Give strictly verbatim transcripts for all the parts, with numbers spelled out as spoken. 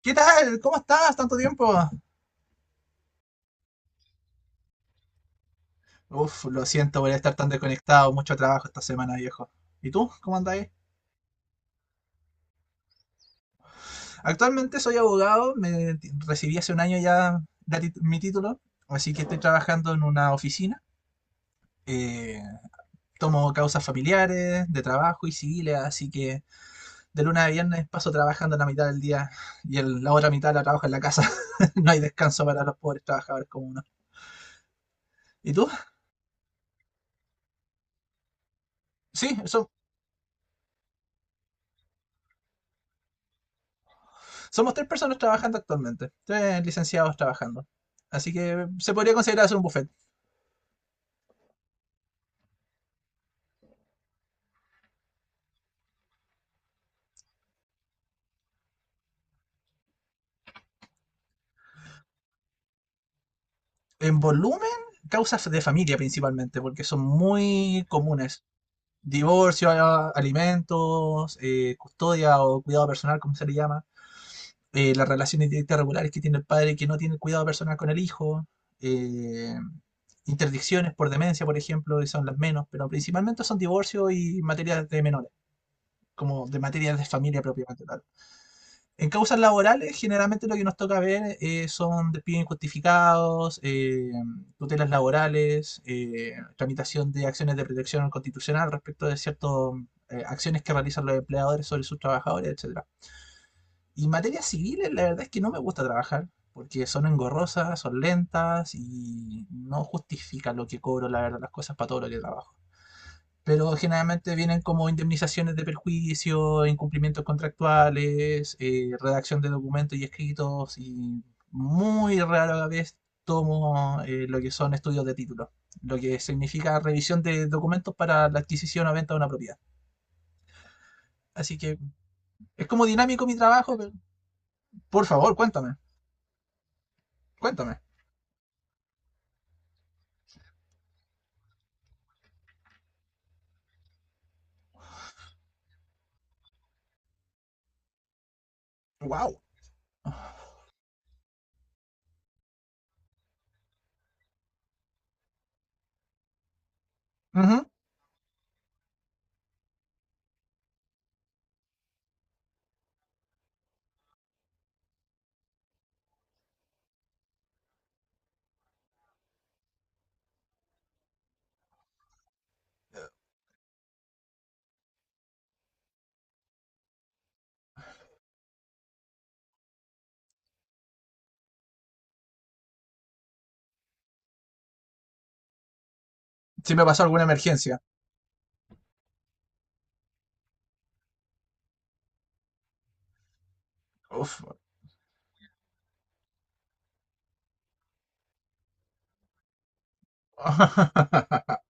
¿Qué tal? ¿Cómo estás? ¿Tanto tiempo? Uf, lo siento por estar tan desconectado. Mucho trabajo esta semana, viejo. ¿Y tú? ¿Cómo andás? Actualmente soy abogado. Me t- recibí hace un año ya la tit- mi título. Así que estoy trabajando en una oficina. Eh, Tomo causas familiares, de trabajo y civiles. Así que de lunes a viernes paso trabajando la mitad del día y el- la otra mitad la trabajo en la casa. No hay descanso para los pobres trabajadores como uno. ¿Y tú? Sí, eso. Somos tres personas trabajando actualmente, tres licenciados trabajando. Así que se podría considerar hacer un buffet. En volumen, causas de familia principalmente, porque son muy comunes. Divorcio, alimentos, eh, custodia o cuidado personal, como se le llama. Eh, las relaciones directas regulares que tiene el padre que no tiene el cuidado personal con el hijo. eh, Interdicciones por demencia, por ejemplo, y son las menos, pero principalmente son divorcio y materias de menores, como de materias de familia propiamente tal. En causas laborales, generalmente lo que nos toca ver eh, son despidos injustificados, eh, tutelas laborales, eh, tramitación de acciones de protección constitucional respecto de ciertas acciones que realizan los empleadores sobre sus trabajadores, etcétera. Y en materia civil, eh, la verdad es que no me gusta trabajar, porque son engorrosas, son lentas y no justifican lo que cobro, la verdad, las cosas, para todo lo que trabajo, pero generalmente vienen como indemnizaciones de perjuicio, incumplimientos contractuales, eh, redacción de documentos y escritos, y muy rara vez tomo eh, lo que son estudios de título, lo que significa revisión de documentos para la adquisición o venta de una propiedad. Así que es como dinámico mi trabajo, pero por favor, cuéntame, cuéntame. ¡Wow! Ujú. Si me pasó alguna emergencia. Uf.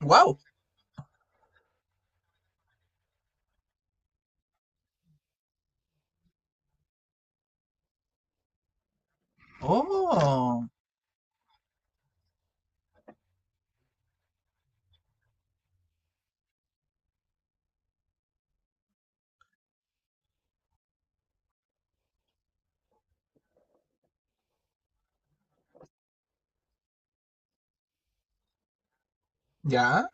¡Wow! ¡Oh! ¿Ya?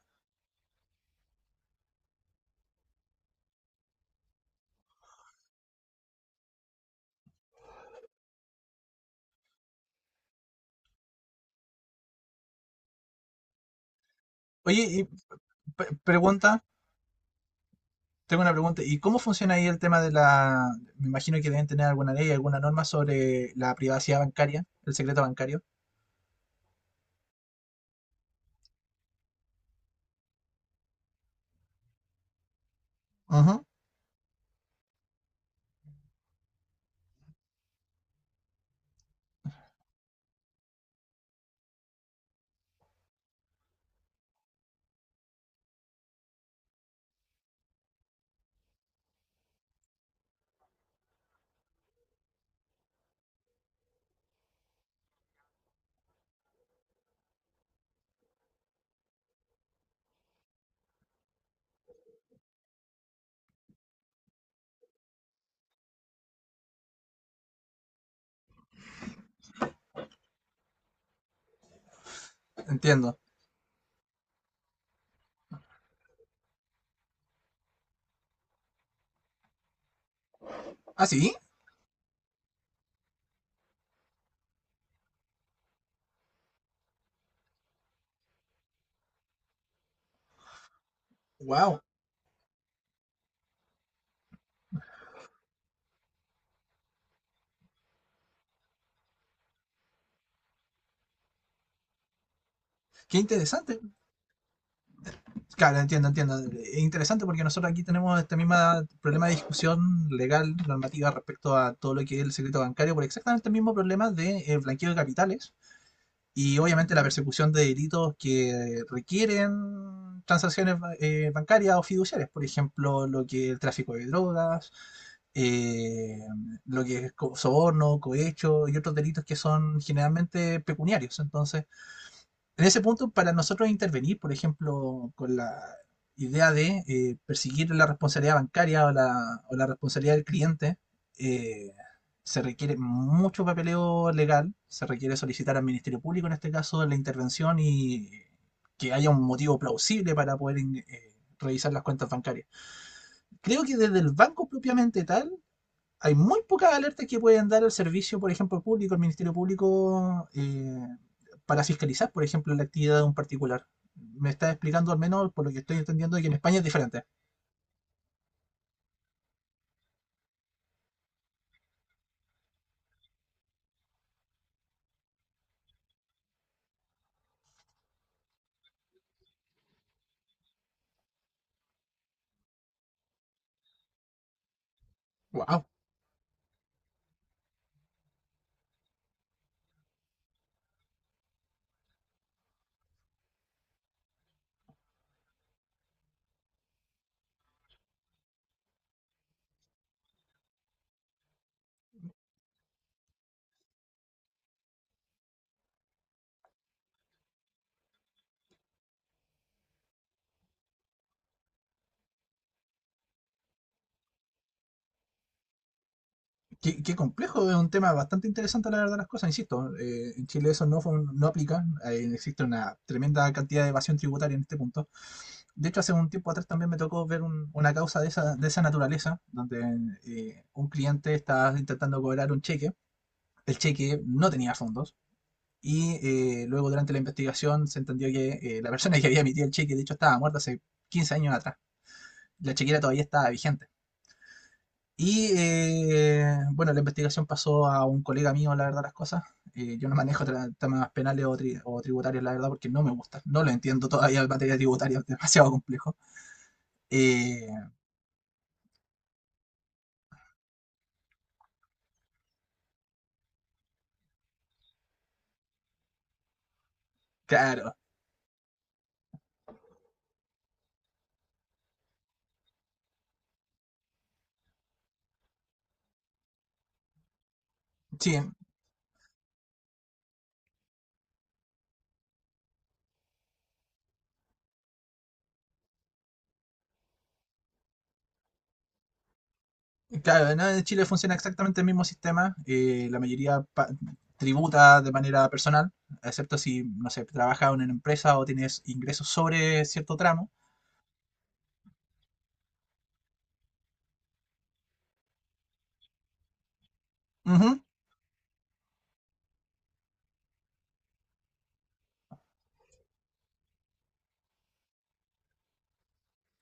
Oye, y pre- pregunta, tengo una pregunta, ¿y cómo funciona ahí el tema de la...? Me imagino que deben tener alguna ley, alguna norma sobre la privacidad bancaria, el secreto bancario. Ujú. Entiendo. ¿Ah, sí? Wow. Qué interesante. Claro, entiendo, entiendo. Es interesante porque nosotros aquí tenemos este mismo problema de discusión legal, normativa respecto a todo lo que es el secreto bancario, por exactamente el mismo problema de eh, blanqueo de capitales y obviamente la persecución de delitos que requieren transacciones eh, bancarias o fiduciarias, por ejemplo, lo que es el tráfico de drogas, eh, lo que es co- soborno, cohecho y otros delitos que son generalmente pecuniarios. Entonces, en ese punto, para nosotros intervenir, por ejemplo, con la idea de eh, perseguir la responsabilidad bancaria o la, o la responsabilidad del cliente, eh, se requiere mucho papeleo legal, se requiere solicitar al Ministerio Público, en este caso, la intervención y que haya un motivo plausible para poder eh, revisar las cuentas bancarias. Creo que desde el banco propiamente tal, hay muy pocas alertas que pueden dar el servicio, por ejemplo, público, el Ministerio Público, eh, para fiscalizar, por ejemplo, la actividad de un particular. Me está explicando, al menos por lo que estoy entendiendo, que en España es diferente. ¡Wow! Qué, qué complejo, es un tema bastante interesante, la verdad, las cosas. Insisto, eh, en Chile eso no, no aplica. Eh, existe una tremenda cantidad de evasión tributaria en este punto. De hecho, hace un tiempo atrás también me tocó ver un- una causa de esa, de esa naturaleza, donde eh, un cliente estaba intentando cobrar un cheque. El cheque no tenía fondos y eh, luego durante la investigación se entendió que eh, la persona que había emitido el cheque, de hecho, estaba muerta hace quince años atrás. La chequera todavía estaba vigente. Y eh, bueno, la investigación pasó a un colega mío, la verdad, las cosas. Eh, yo no manejo temas penales o, tri- o tributarios, la verdad, porque no me gusta. No lo entiendo todavía en materia tributaria, es demasiado complejo. Eh, claro, sí. Claro, ¿no? En Chile funciona exactamente el mismo sistema. Eh, la mayoría pa- tributa de manera personal, excepto si, no sé, trabaja en una empresa o tienes ingresos sobre cierto tramo. Ujú,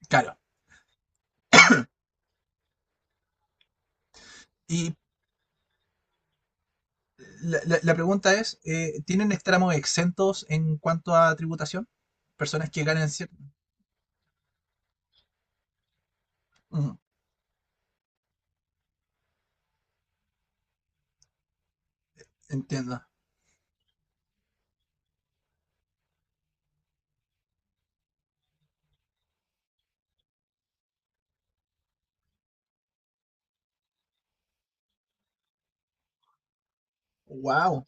claro. Y la, la- la pregunta es, eh, ¿tienen tramos exentos en cuanto a tributación? Personas que ganen cierto... Entiendo. ¡Wow!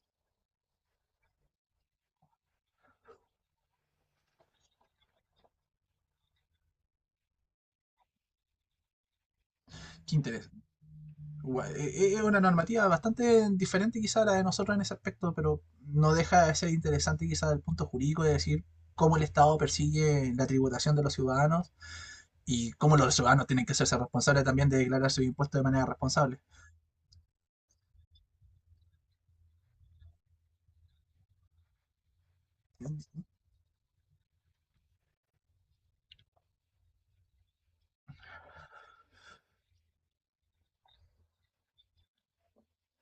Qué interesante. Gua- e- es una normativa bastante diferente quizá a la de nosotros en ese aspecto, pero no deja de ser interesante quizá el punto jurídico de decir cómo el Estado persigue la tributación de los ciudadanos y cómo los ciudadanos tienen que hacerse responsables también de declarar sus impuestos de manera responsable.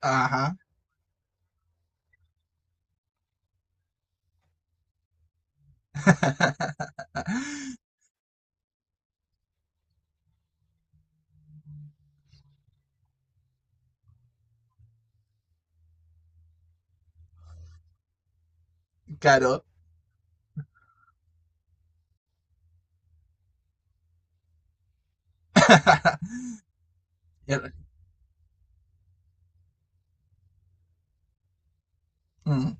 Ajá, claro. Er- Mm,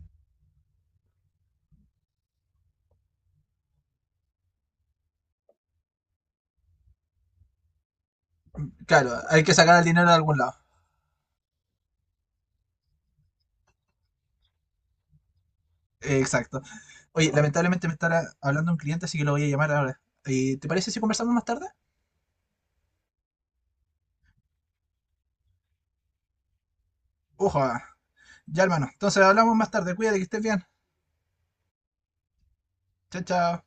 claro, hay que sacar el dinero de algún lado. Exacto. Oye, lamentablemente me estará hablando un cliente, así que lo voy a llamar ahora. Eh, ¿Te parece si conversamos más tarde? Uja. Ya, hermano. Entonces hablamos más tarde. Cuídate, que estés bien. Chao, chao.